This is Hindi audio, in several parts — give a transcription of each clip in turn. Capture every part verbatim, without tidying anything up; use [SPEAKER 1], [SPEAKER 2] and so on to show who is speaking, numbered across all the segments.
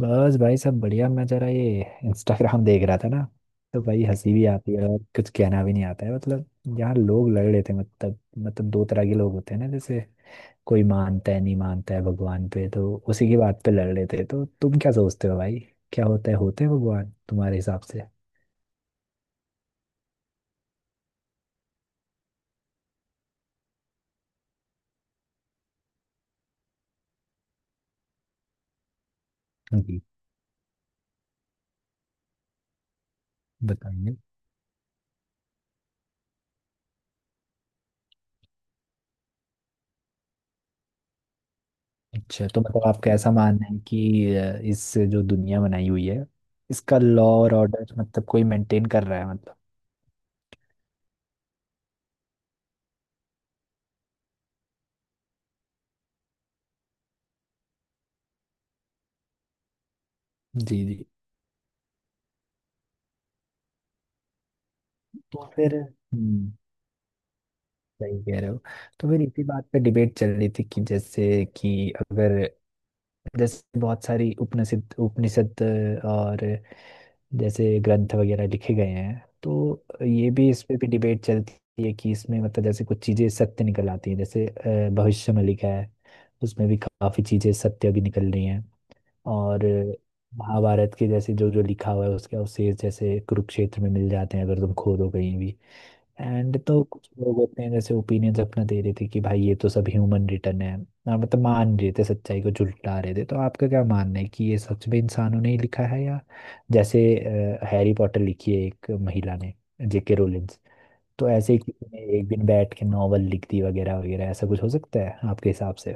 [SPEAKER 1] बस भाई, सब बढ़िया। मैं जरा ये इंस्टाग्राम देख रहा था ना, तो भाई हंसी भी आती है और कुछ कहना भी नहीं आता है, मतलब। यहाँ लोग लड़ रहे थे, मतलब मतलब दो तरह के लोग होते हैं ना, जैसे कोई मानता है, नहीं मानता है भगवान पे, तो उसी की बात पे लड़ रहे थे। तो तुम क्या सोचते हो भाई, क्या होता है, होते हैं भगवान तुम्हारे हिसाब से? जी बताइए। अच्छा, तो मतलब आपका ऐसा मानना है कि अ, इस जो दुनिया बनाई हुई है, इसका लॉ और ऑर्डर मतलब कोई मेंटेन कर रहा है, मतलब। जी जी। तो फिर हम्म, सही कह रहे हो। तो फिर इसी बात पे डिबेट चल रही थी कि जैसे कि अगर, जैसे बहुत सारी उपनिषद उपनिषद और जैसे ग्रंथ वगैरह लिखे गए हैं, तो ये भी, इस पे भी डिबेट चलती है कि इसमें मतलब जैसे कुछ चीजें सत्य निकल आती हैं, जैसे अ, भविष्य में लिखा है उसमें भी काफी चीजें सत्य भी निकल रही हैं। और महाभारत के जैसे जो जो लिखा हुआ है, उसका अवशेष जैसे कुरुक्षेत्र में मिल जाते हैं अगर तुम खोदो कहीं भी। एंड तो कुछ लोग होते हैं, जैसे ओपिनियंस अपना दे रहे थे कि भाई ये तो सब ह्यूमन रिटर्न है ना, मतलब मान रहे थे, सच्चाई को झुठला रहे थे। तो आपका क्या मानना है कि ये सच में इंसानों ने ही लिखा है, या जैसे हैरी पॉटर लिखी है एक महिला ने, जेके रोलिंस, तो ऐसे ही किसी ने एक दिन बैठ के नॉवल लिख दी वगैरह वगैरह, ऐसा कुछ हो सकता है आपके हिसाब से?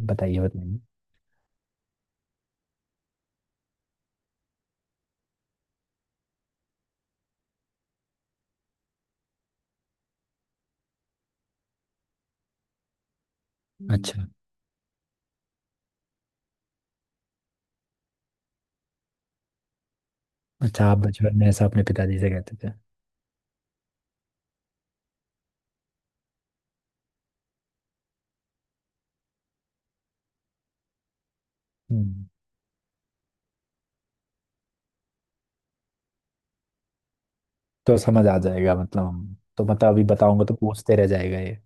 [SPEAKER 1] बताइए बताइए। हम्म। अच्छा। अच्छा, आप बचपन में ऐसा अपने पिताजी से कहते थे? हम्म। तो समझ आ जाएगा, मतलब हम तो, मतलब अभी बताऊंगा तो पूछते रह जाएगा ये।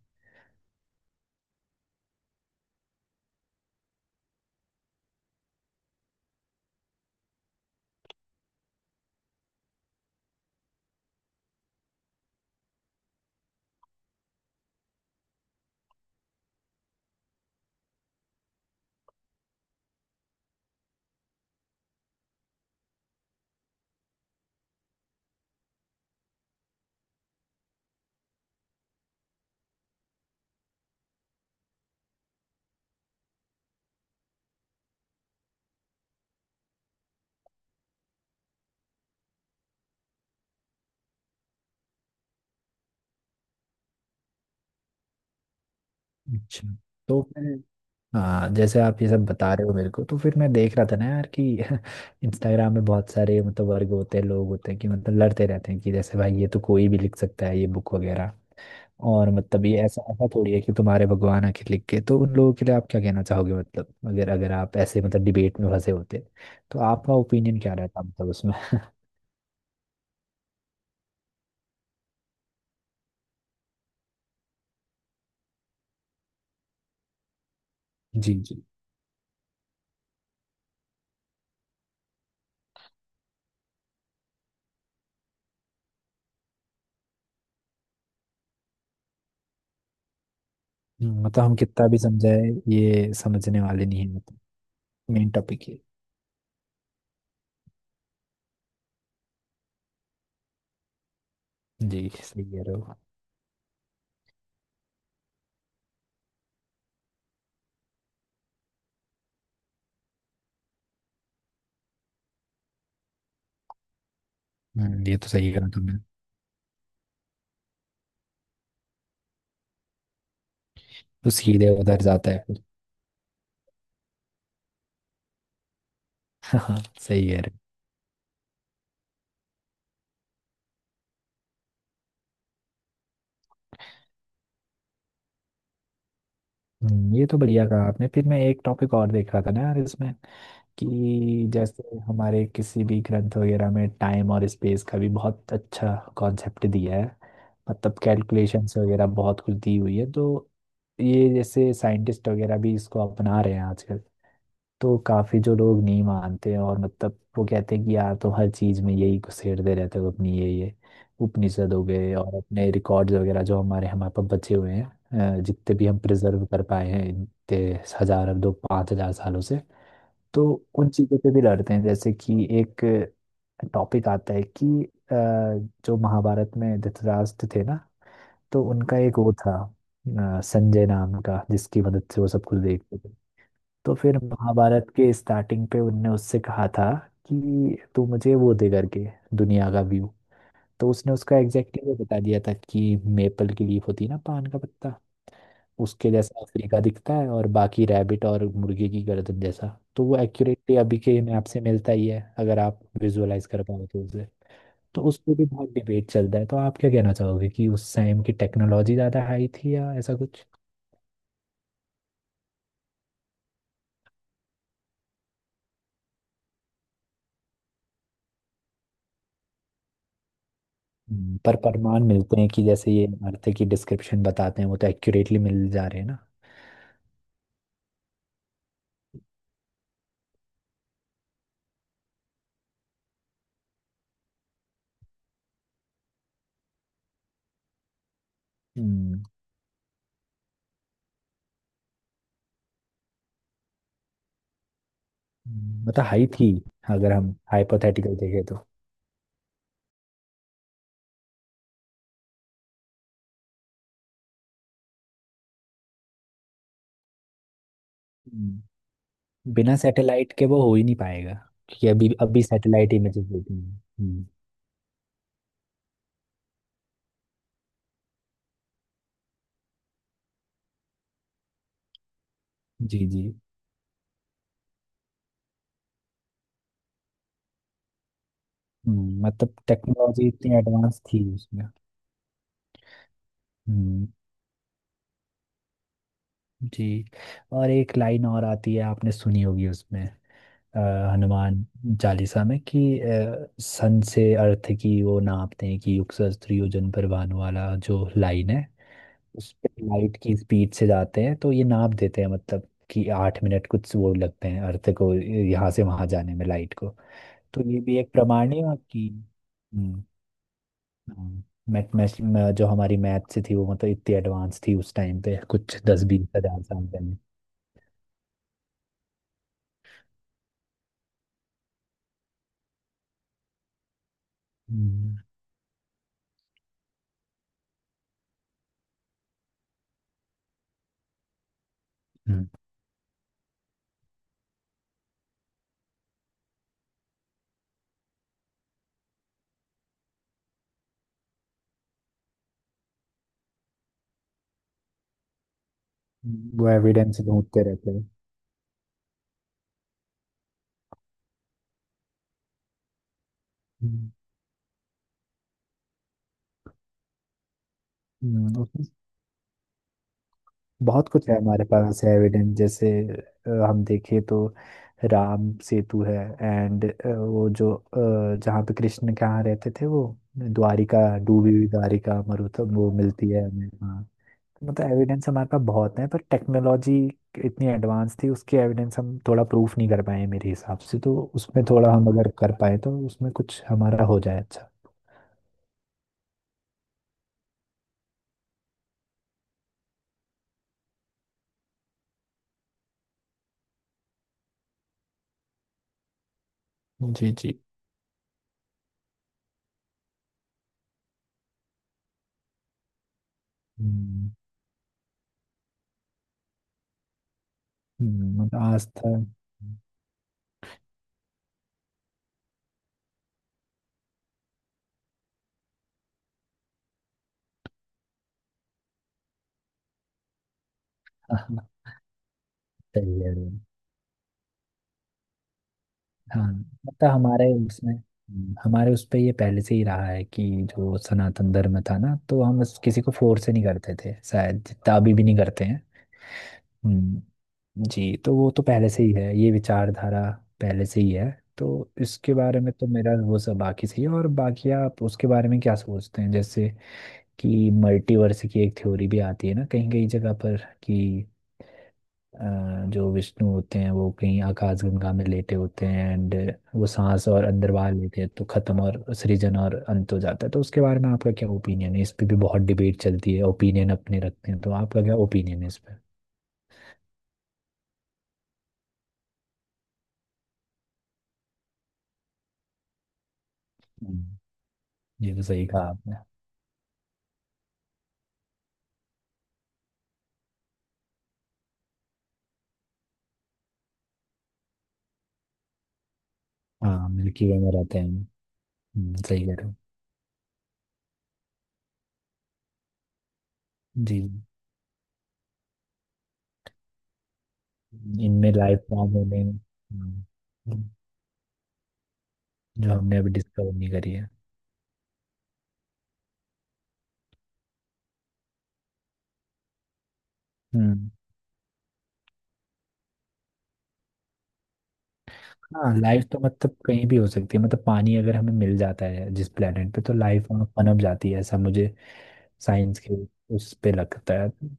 [SPEAKER 1] अच्छा। तो फिर हाँ, जैसे आप ये सब बता रहे हो मेरे को, तो फिर मैं देख रहा था ना यार कि इंस्टाग्राम में बहुत सारे मतलब वर्ग होते हैं, लोग होते हैं कि मतलब लड़ते रहते हैं कि जैसे भाई ये तो कोई भी लिख सकता है ये बुक वगैरह, और मतलब ये ऐसा ऐसा थोड़ी है कि तुम्हारे भगवान आके लिख के। तो उन लोगों के लिए आप क्या कहना चाहोगे, मतलब अगर अगर आप ऐसे मतलब डिबेट में फंसे होते तो आपका ओपिनियन क्या रहता, मतलब उसमें? जी जी। हम्म, मतलब हम कितना भी समझाए ये समझने वाले नहीं है, मतलब मेन टॉपिक ये। जी सही कह रहे हो। हम्म, ये तो सही कह रहा हूँ। तो सीधे उधर जाता है फिर। हाँ, सही कह रहे हो। हम्म, ये तो बढ़िया कहा आपने। फिर मैं एक टॉपिक और देख रहा था ना यार इसमें कि जैसे हमारे किसी भी ग्रंथ वगैरह में टाइम और स्पेस का भी बहुत अच्छा कॉन्सेप्ट दिया है, मतलब कैलकुलेशंस वगैरह बहुत कुछ दी हुई है। तो ये जैसे साइंटिस्ट वगैरह भी इसको अपना रहे हैं आजकल। तो काफी जो लोग नहीं मानते हैं और मतलब वो कहते हैं कि यार तुम हर चीज में यही घुसेड़ते रहते हो अपनी ये ये उपनिषद हो गए और अपने रिकॉर्ड्स वगैरह जो हमारे हमारे पास बचे हुए हैं, अ, जितने भी हम प्रिजर्व कर पाए हैं, इतने हजार दो पाँच हजार सालों से। तो उन चीजों पे भी लड़ते हैं, जैसे कि एक टॉपिक आता है कि अ, जो महाभारत में धृतराष्ट्र थे ना, तो उनका एक वो था, अ, संजय नाम का, जिसकी मदद से वो सब कुछ देखते थे। तो फिर महाभारत के स्टार्टिंग पे उनने उससे कहा था कि तू मुझे वो दे करके दुनिया का व्यू। तो उसने उसका एग्जैक्टली वो बता दिया था कि मेपल की लीफ होती है ना, पान का पत्ता, उसके जैसा अफ्रीका दिखता है, और बाकी रैबिट और मुर्गे की गर्दन जैसा। तो वो एक्यूरेटली अभी के मैप से मिलता ही है, अगर आप विजुअलाइज कर पाओ तो उसे। तो उस पर भी बहुत डिबेट चलता है। तो आप क्या कहना चाहोगे कि उस टाइम की टेक्नोलॉजी ज़्यादा हाई थी या ऐसा कुछ? हम्म, पर प्रमाण मिलते हैं कि जैसे ये इमारतें की डिस्क्रिप्शन बताते हैं वो तो एक्यूरेटली मिल जा रहे हैं ना। हम्म। हम्म, मतलब हाई थी अगर हम हाइपोथेटिकल देखें तो। हम्म, बिना सैटेलाइट के वो हो ही नहीं पाएगा, क्योंकि अभी अभी सैटेलाइट इमेजेस देती हैं। हम्म। जी जी। हम्म, मतलब टेक्नोलॉजी इतनी एडवांस थी उसमें। हम्म। जी। और एक लाइन और आती है, आपने सुनी होगी उसमें, अ, हनुमान चालीसा में, कि अ, सन से अर्थ की वो नापते हैं कि युग सहस्त्र योजन पर भानु, वाला जो लाइन है, उस पे लाइट की स्पीड से जाते हैं तो ये नाप देते हैं, मतलब कि आठ मिनट कुछ वो लगते हैं अर्थ को, यहाँ से वहां जाने में लाइट को। तो ये भी एक प्रमाण है कि हम्म। हाँ, मैथ मैथ मैं- जो हमारी मैथ से थी वो, मतलब इतनी एडवांस थी उस टाइम पे, कुछ दस बीस हजार साल पहले। हम्म। हम्म। वो एविडेंस ढूंढते रहते हैं। हम्म। हम्म, उसमें बहुत कुछ है, हमारे पास है एविडेंस, जैसे अ, हम देखें तो राम सेतु है, एंड वो जो अ, जहाँ पे कृष्ण के यहाँ रहते थे वो, द्वारिका, डूबी हुई द्वारिका, मरुथल वो मिलती है हमें, हाँ। मतलब एविडेंस हमारे पास बहुत है, पर टेक्नोलॉजी इतनी एडवांस थी उसके एविडेंस हम थोड़ा प्रूफ नहीं कर पाए हैं मेरे हिसाब से, तो उसमें थोड़ा हम अगर कर पाए तो उसमें कुछ हमारा हो जाए अच्छा। जी जी। हम्म। हम्म, मतलब आस्था। सही है। हाँ, मतलब हमारे उसमें, हम्म, हमारे उस पे ये पहले से ही रहा है कि जो सनातन धर्म था ना, तो हम इस- किसी को फोर्स से नहीं करते थे, शायद जितना अभी भी नहीं करते हैं। हम्म। जी, तो वो तो पहले से ही है ये विचारधारा, पहले से ही है। तो इसके बारे में तो मेरा वो सब बाकी सही है, और बाकी आप उसके बारे में क्या सोचते हैं, जैसे कि मल्टीवर्स की एक थ्योरी भी आती है ना कहीं कहीं जगह पर, कि अ, जो विष्णु होते हैं वो कहीं आकाशगंगा में लेटे होते हैं, एंड वो सांस और अंदर बाहर लेते हैं तो खत्म और सृजन और अंत हो जाता है। तो उसके बारे में आपका क्या ओपिनियन है? इस पे भी बहुत डिबेट चलती है, ओपिनियन अपने रखते हैं, तो आपका क्या ओपिनियन है इस पे? हम्म, ये तो सही कहा आपने। हाँ, मिल्की वे में रहते हैं। हम्म, सही कह रहे हो। जी। जी। इनमें लाइफ फॉर्म होने, हम्म, जो हमने अभी डिस्कवर नहीं करी है। हम्म। हाँ, लाइफ तो मतलब कहीं भी हो सकती है, मतलब पानी अगर हमें मिल जाता है जिस प्लेनेट पे तो लाइफ वहाँ पनप जाती है, ऐसा मुझे साइंस के उस पे लगता है।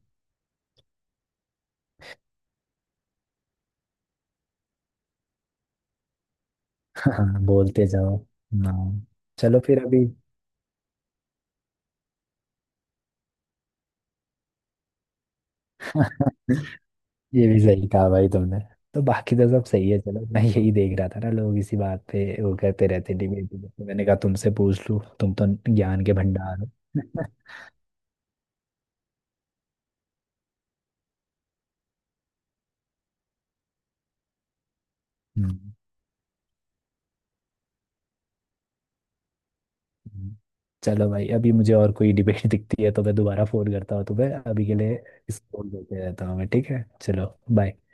[SPEAKER 1] हाँ, बोलते जाओ। हाँ। चलो फिर अभी। ये भी सही कहा भाई तुमने। तो बाकी तो सब सही है। चलो, मैं यही देख रहा था ना, लोग इसी बात पे वो करते रहते डिबेट। मैंने कहा तुमसे पूछ लूँ, तुम तो ज्ञान के भंडार हो। हम्म। हम्म। चलो भाई, अभी मुझे और कोई डिबेट दिखती है तो मैं दोबारा फोन करता हूँ तुम्हें। अभी के लिए इसको बोल देते रहता हूँ मैं, ठीक है? चलो, बाय।